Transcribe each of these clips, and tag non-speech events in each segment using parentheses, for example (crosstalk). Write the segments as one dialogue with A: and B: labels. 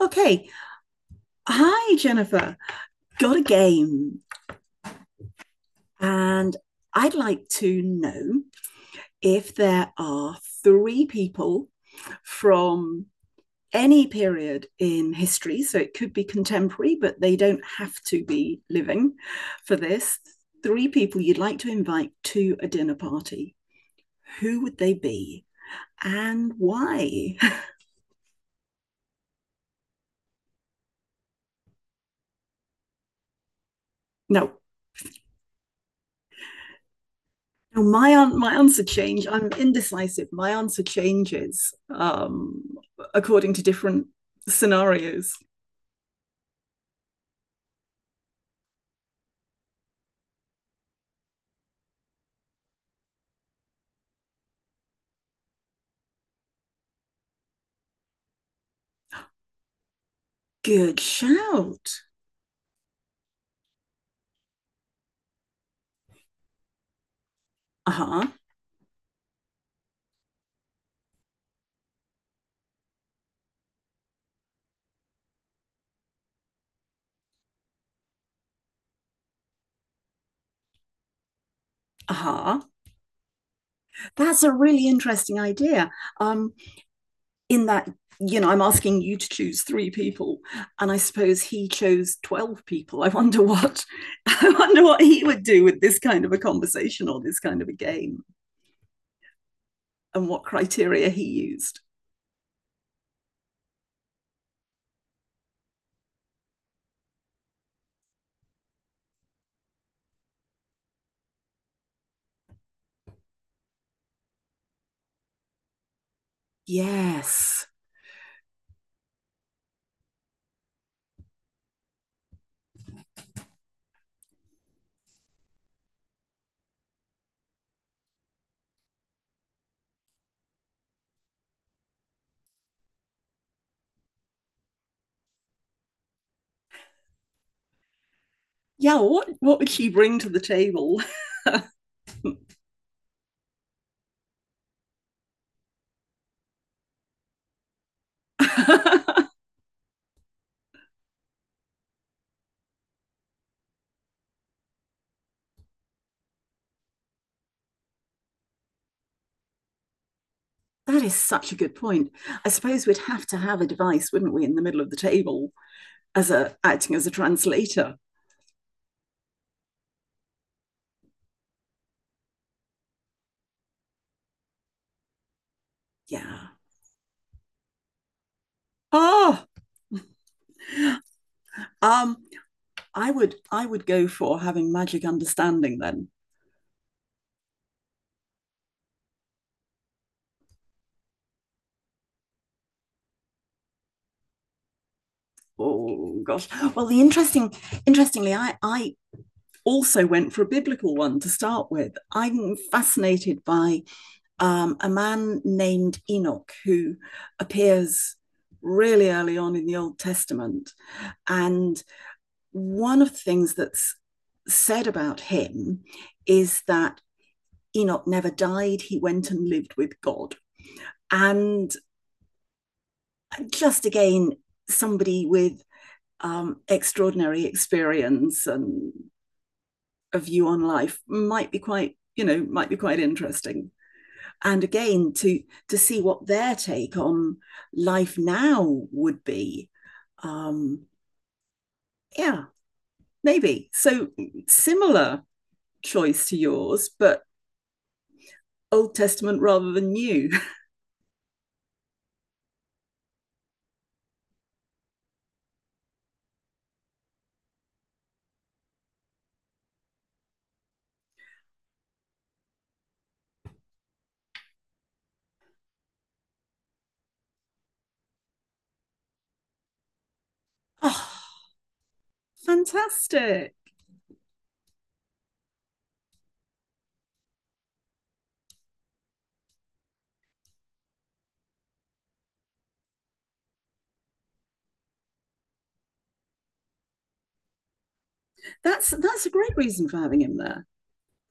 A: Okay. Hi, Jennifer. Got a game. And I'd like to know if there are three people from any period in history, so it could be contemporary, but they don't have to be living for this. Three people you'd like to invite to a dinner party. Who would they be and why? (laughs) no, Now, my answer change. I'm indecisive. My answer changes according to different scenarios. Good shout. Uh huh. Uh huh. That's a really interesting idea. Um, in that I'm asking you to choose three people, and I suppose he chose 12 people. I wonder what (laughs) I wonder what he would do with this kind of a conversation or this kind of a game, and what criteria he used. Yes. Yeah, what would she bring to the table? (laughs) That is such a good point. I suppose we'd have to have a device, wouldn't we, in the middle of the table as a acting as a translator. Yeah. Oh, um, I would go for having magic understanding then. Oh gosh. Well, I also went for a biblical one to start with. I'm fascinated by a man named Enoch who appears really early on in the Old Testament. And one of the things that's said about him is that Enoch never died, he went and lived with God. And just again, somebody with extraordinary experience and a view on life might be quite, you know, might be quite interesting. And again to see what their take on life now would be, um yeah, maybe so similar choice to yours, but Old Testament rather than new. (laughs) Oh, fantastic. That's a great reason for having him there.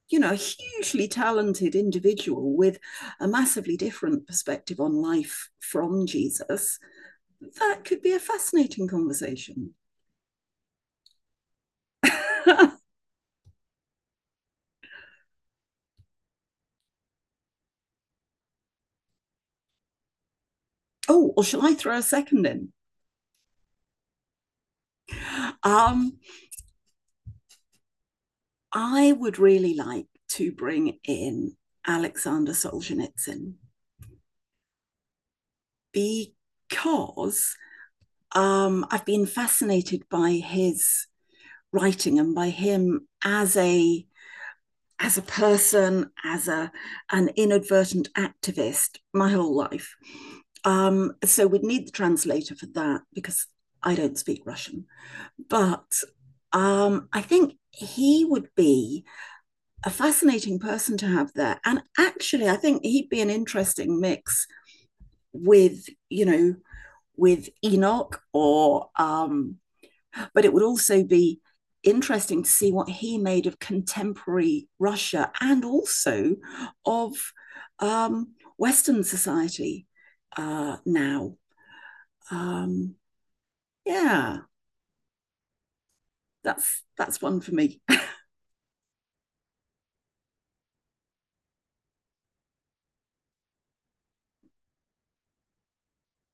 A: You know, a hugely talented individual with a massively different perspective on life from Jesus. That could be a fascinating conversation. (laughs) Oh, or shall I throw a second in? Um, I would really like to bring in Alexander Solzhenitsyn because I've been fascinated by his writing and by him as a person, as a an inadvertent activist, my whole life. So we'd need the translator for that because I don't speak Russian. But I think he would be a fascinating person to have there. And actually, I think he'd be an interesting mix with, you know, with Enoch or, but it would also be interesting to see what he made of contemporary Russia and also of, um, Western society now. Um, yeah, that's one for me. (laughs)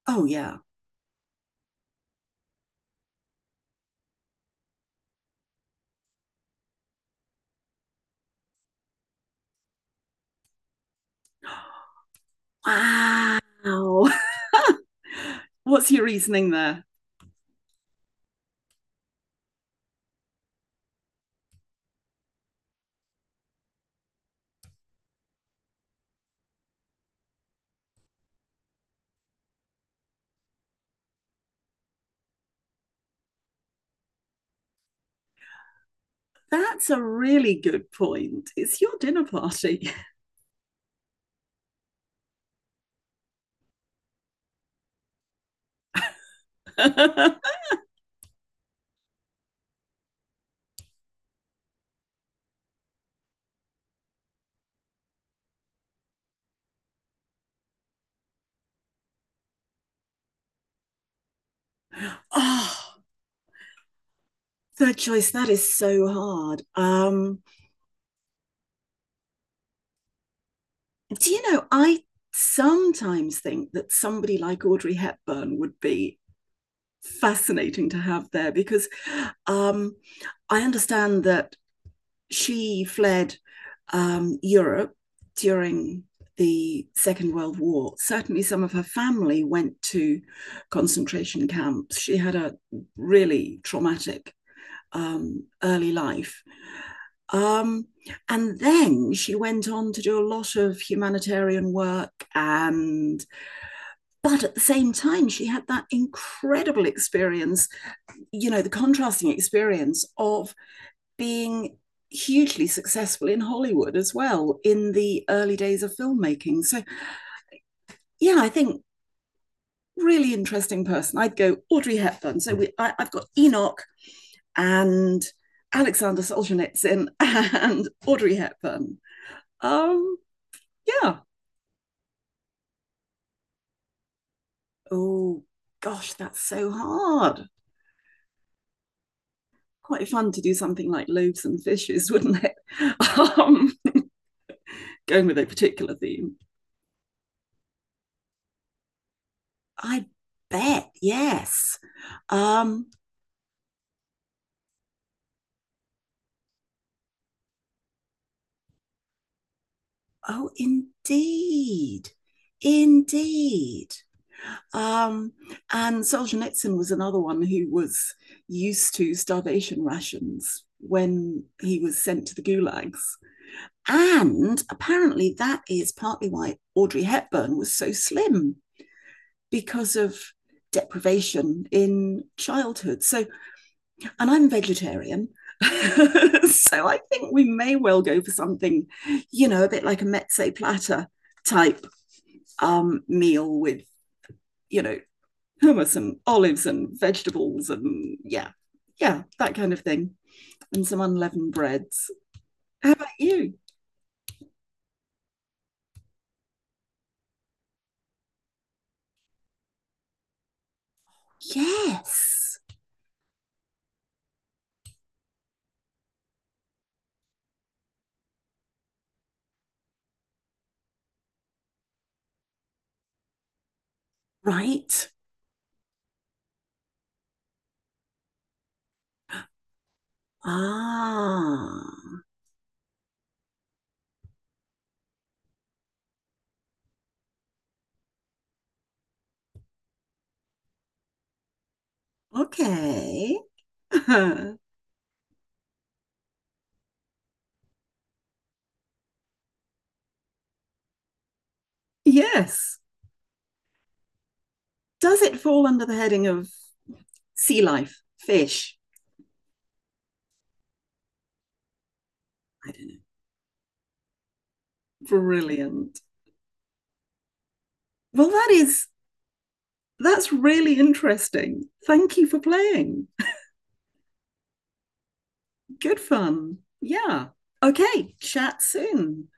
A: Oh yeah. Wow. (laughs) What's your reasoning there? That's a really good point. It's your dinner party. (laughs) Oh, third choice. That is so hard. Do you know, I sometimes think that somebody like Audrey Hepburn would be fascinating to have there because, um, I understand that she fled, Europe during the Second World War. Certainly, some of her family went to concentration camps. She had a really traumatic, early life. Um, and then she went on to do a lot of humanitarian work. And, but at the same time, she had that incredible experience, you know, the contrasting experience of being hugely successful in Hollywood as well in the early days of filmmaking. So, yeah, I think really interesting person. I'd go Audrey Hepburn. So we, I, have got Enoch and Alexander Solzhenitsyn and (laughs) Audrey Hepburn. Um, yeah. Oh gosh, that's so hard. Quite fun to do something like loaves and fishes, wouldn't it? (laughs) Um, Going with a particular theme. I bet yes. Um, Oh, indeed. Indeed. Um, and Solzhenitsyn was another one who was used to starvation rations when he was sent to the gulags. And apparently, that is partly why Audrey Hepburn was so slim because of deprivation in childhood. So, and I'm vegetarian. (laughs) So I think we may well go for something, you know, a bit like a mezze platter type, meal with, you know, hummus and olives and vegetables and yeah, yeah, that kind of thing. And some unleavened breads. How about you? Yes. Right. Ah, okay. (laughs) Yes. Does it fall under the heading of sea life, fish? I don't know. Brilliant. Well, that is, that's really interesting. Thank you for playing. Good fun. Yeah. Okay. Chat soon.